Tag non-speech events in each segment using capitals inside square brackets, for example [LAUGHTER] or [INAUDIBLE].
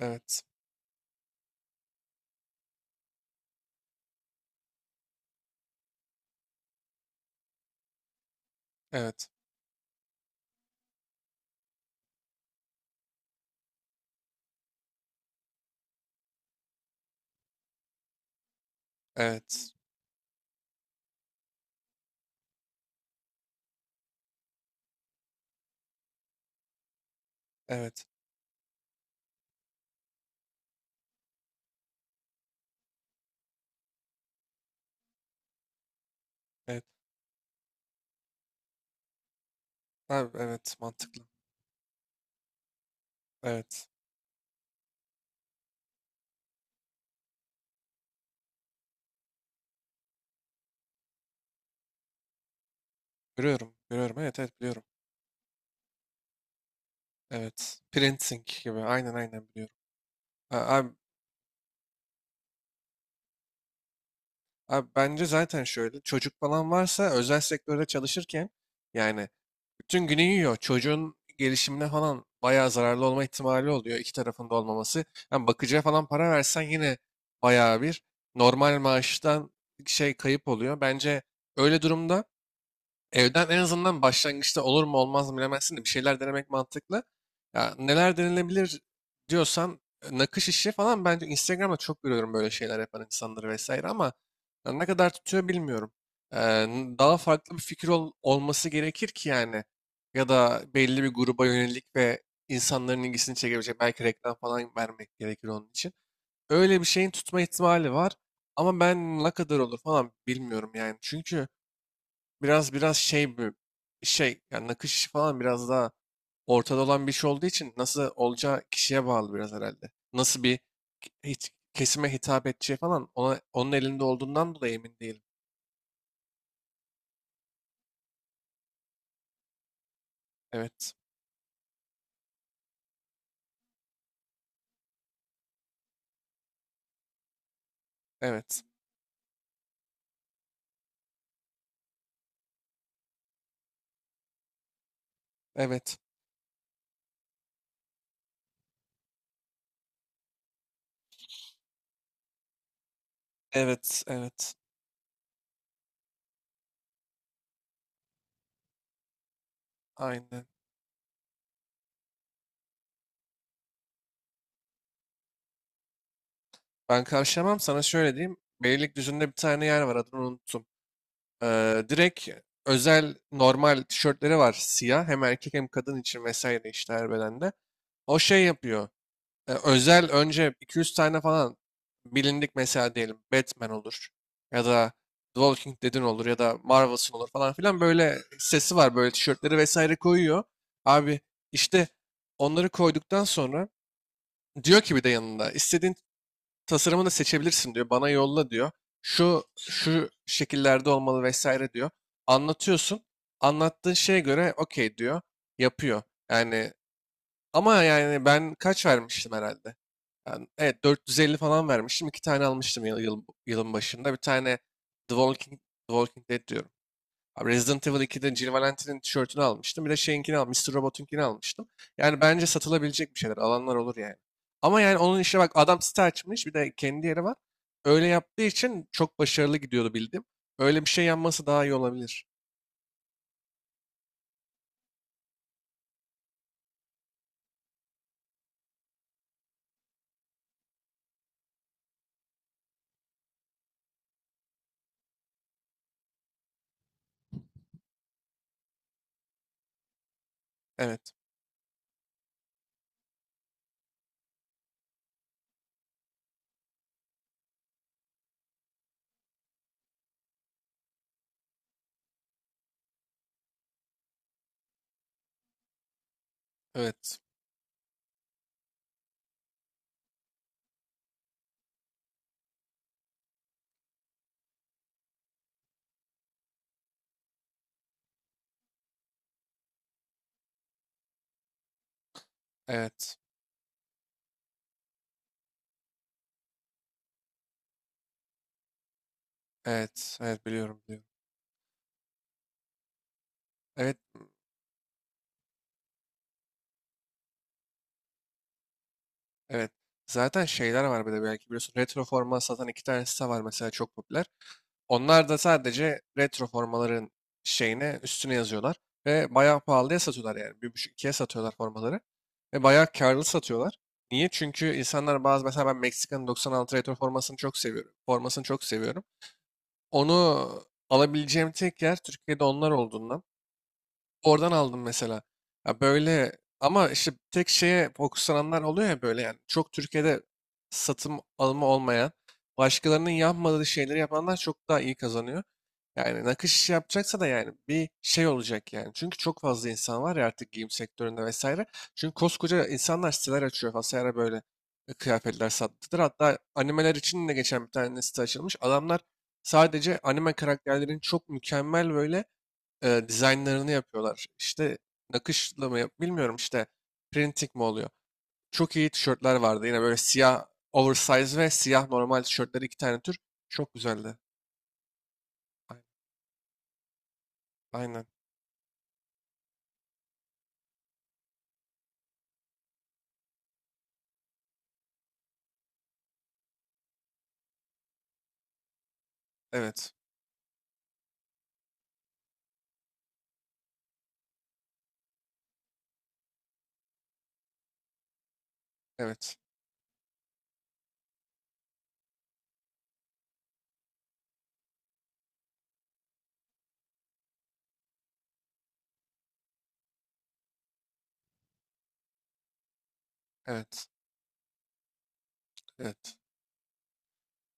Evet. Evet. Evet. Evet. Evet. Ha, evet. Mantıklı. Evet. Görüyorum. Görüyorum. Evet. Evet. Biliyorum. Evet. Printing gibi. Aynen, aynen, biliyorum. A- Abi, abi, bence zaten şöyle. Çocuk falan varsa özel sektörde çalışırken yani bütün günü yiyor. Çocuğun gelişimine falan bayağı zararlı olma ihtimali oluyor. İki tarafında olmaması. Yani bakıcıya falan para versen yine bayağı bir normal maaştan şey kayıp oluyor. Bence öyle durumda evden en azından başlangıçta olur mu olmaz mı bilemezsin de bir şeyler denemek mantıklı. Ya neler denenebilir diyorsan nakış işi falan bence Instagram'da çok görüyorum böyle şeyler yapan insanları vesaire ama ya ne kadar tutuyor bilmiyorum. Ee, daha farklı bir fikir olması gerekir ki yani ya da belli bir gruba yönelik ve insanların ilgisini çekebilecek belki reklam falan vermek gerekir onun için. Öyle bir şeyin tutma ihtimali var ama ben ne kadar olur falan bilmiyorum yani çünkü biraz şey bir şey yani nakış işi falan biraz daha ortada olan bir şey olduğu için nasıl olacağı kişiye bağlı biraz herhalde. Nasıl bir kesime hitap edeceği falan ona, onun elinde olduğundan dolayı emin değilim. Evet. Evet. Evet. Evet. Evet. Aynen. Ben karşılamam, sana şöyle diyeyim. Beylikdüzü'nde bir tane yer var, adını unuttum. Direkt özel normal tişörtleri var siyah, hem erkek hem kadın için vesaire, işte her bedende. O şey yapıyor. E, özel önce 200 tane falan bilindik, mesela diyelim Batman olur ya da The Walking Dead'in olur ya da Marvel'sın olur falan filan, böyle sesi var, böyle tişörtleri vesaire koyuyor. Abi, işte onları koyduktan sonra diyor ki, bir de yanında istediğin tasarımı da seçebilirsin diyor. Bana yolla diyor. Şu şu şekillerde olmalı vesaire diyor. Anlatıyorsun. Anlattığın şeye göre okey diyor. Yapıyor. Yani, ama yani ben kaç vermiştim herhalde? Ben, evet, 450 falan vermiştim. İki tane almıştım yılın başında. Bir tane The Walking, The Walking Dead diyorum. Abi, Resident Evil 2'de Jill Valentine'in tişörtünü almıştım. Bir de şeyinkini al, Mr. Robot'unkini almıştım. Yani bence satılabilecek bir şeyler. Alanlar olur yani. Ama yani onun işine bak, adam site açmış. Bir de kendi yeri var. Öyle yaptığı için çok başarılı gidiyordu bildim. Öyle bir şey yanması daha iyi olabilir. Evet. Evet. Evet. Evet. Evet biliyorum. Biliyorum. Evet. Evet. Zaten şeyler var bir de, belki biliyorsun. Retro forma satan iki tane site var mesela, çok popüler. Onlar da sadece retro formaların şeyine üstüne yazıyorlar. Ve bayağı pahalıya satıyorlar yani. Bir buçuk ikiye satıyorlar formaları. Ve bayağı karlı satıyorlar. Niye? Çünkü insanlar bazı, mesela ben Meksika'nın 96 retro formasını çok seviyorum. Formasını çok seviyorum. Onu alabileceğim tek yer Türkiye'de onlar olduğundan. Oradan aldım mesela. Ya böyle, ama işte tek şeye fokuslananlar oluyor ya böyle yani. Çok Türkiye'de satım alımı olmayan, başkalarının yapmadığı şeyleri yapanlar çok daha iyi kazanıyor. Yani nakış işi yapacaksa da yani bir şey olacak yani. Çünkü çok fazla insan var ya artık giyim sektöründe vesaire. Çünkü koskoca insanlar siteler açıyor vesaire, böyle kıyafetler sattılar. Hatta animeler için de geçen bir tane site açılmış. Adamlar sadece anime karakterlerin çok mükemmel böyle dizaynlarını yapıyorlar. İşte nakışla mı yap bilmiyorum, işte printing mi oluyor. Çok iyi tişörtler vardı. Yine böyle siyah oversize ve siyah normal tişörtleri, iki tane tür. Çok güzeldi. Ay- Aynen. Evet. Evet. Evet. Evet.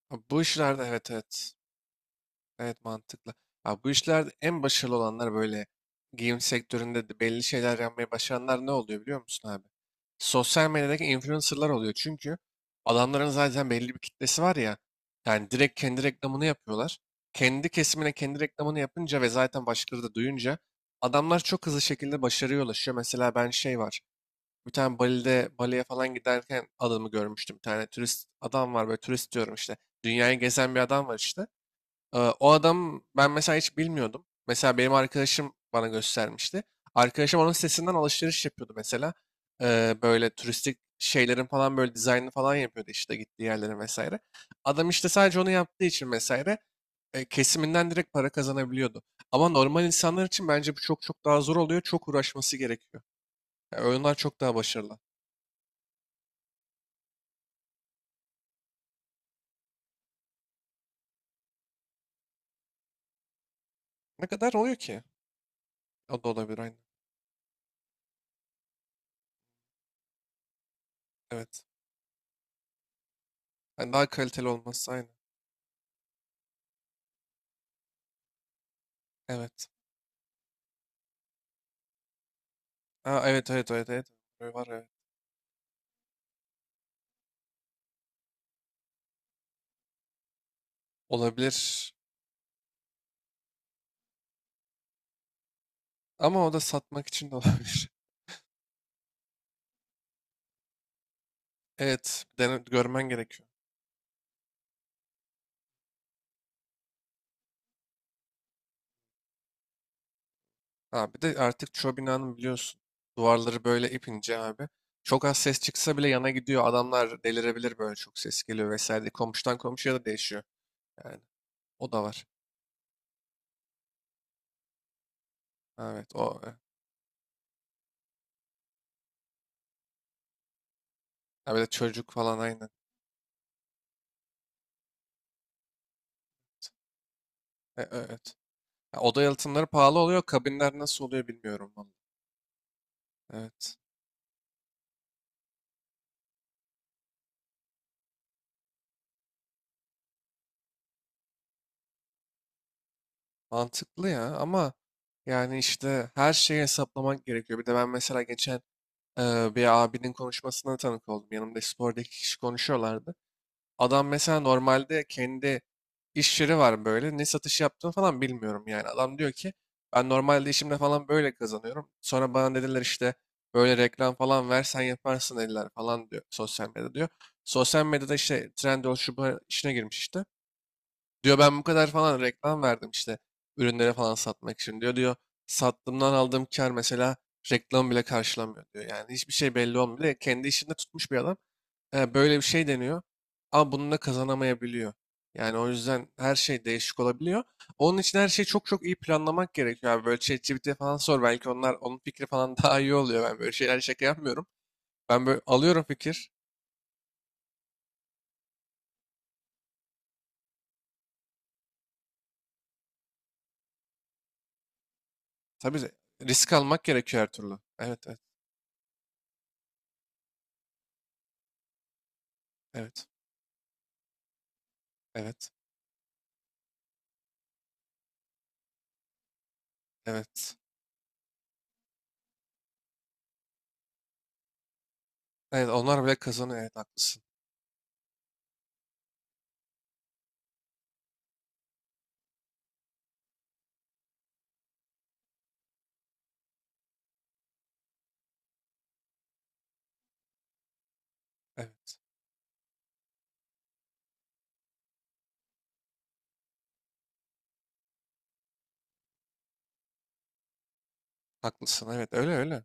Ha, bu işlerde evet, evet. Evet, mantıklı. Abi, bu işlerde en başarılı olanlar böyle giyim sektöründe de belli şeyler yapmayı başaranlar ne oluyor biliyor musun abi? Sosyal medyadaki influencerlar oluyor. Çünkü adamların zaten belli bir kitlesi var ya. Yani direkt kendi reklamını yapıyorlar. Kendi kesimine kendi reklamını yapınca ve zaten başkaları da duyunca adamlar çok hızlı şekilde başarıya ulaşıyor. Mesela ben şey var. Bir tane Bali'de, Bali'ye falan giderken adamı görmüştüm. Bir tane turist adam var, böyle turist diyorum işte. Dünyayı gezen bir adam var işte. O adam, ben mesela hiç bilmiyordum. Mesela benim arkadaşım bana göstermişti. Arkadaşım onun sitesinden alışveriş yapıyordu mesela. Böyle turistik şeylerin falan böyle dizaynını falan yapıyordu işte, gittiği yerlere vesaire. Adam işte sadece onu yaptığı için vesaire kesiminden direkt para kazanabiliyordu. Ama normal insanlar için bence bu çok çok daha zor oluyor. Çok uğraşması gerekiyor. Yani oyunlar çok daha başarılı. Ne kadar oluyor ki? O da olabilir aynı. Evet. Yani daha kaliteli olması aynı. Evet. Ha, evet, evet, evet, evet. Var, evet. Olabilir. Ama o da satmak için de olabilir. [LAUGHS] Evet, dene, görmen gerekiyor. Ha, bir de artık çoğu binanın biliyorsun duvarları böyle ipince abi. Çok az ses çıksa bile yana gidiyor. Adamlar delirebilir böyle, çok ses geliyor vesaire diye. Komşudan komşuya da değişiyor. Yani o da var. Evet, o. Ha, bir de çocuk falan aynı. Evet. Ha, oda yalıtımları pahalı oluyor. Kabinler nasıl oluyor bilmiyorum vallahi. Evet. Mantıklı ya, ama yani işte her şeyi hesaplamak gerekiyor. Bir de ben mesela geçen bir abinin konuşmasına tanık oldum. Yanımda sporda iki kişi konuşuyorlardı. Adam mesela normalde kendi iş yeri var böyle. Ne satış yaptığını falan bilmiyorum yani. Adam diyor ki, ben normalde işimde falan böyle kazanıyorum. Sonra bana dediler işte, böyle reklam falan versen yaparsın eller falan diyor, sosyal medyada diyor. Sosyal medyada işte Trendyol, şu bu işine girmiş işte. Diyor, ben bu kadar falan reklam verdim işte ürünlere falan satmak için diyor. Diyor, sattığımdan aldığım kar mesela reklam bile karşılamıyor diyor. Yani hiçbir şey belli olmuyor. Kendi işinde tutmuş bir adam. Böyle bir şey deniyor. Ama bununla kazanamayabiliyor. Yani o yüzden her şey değişik olabiliyor. Onun için her şeyi çok çok iyi planlamak gerekiyor abi. Böyle ChatGPT'ye falan sor. Belki onlar onun fikri falan [LAUGHS] daha iyi oluyor. Ben böyle şeyler şaka yapmıyorum. Ben böyle alıyorum fikir. Tabii de risk almak gerekiyor her türlü. Evet, evet, evet, evet, evet. Evet, onlar bile kazanıyor. Evet, haklısın. Evet, haklısın. Evet, öyle öyle.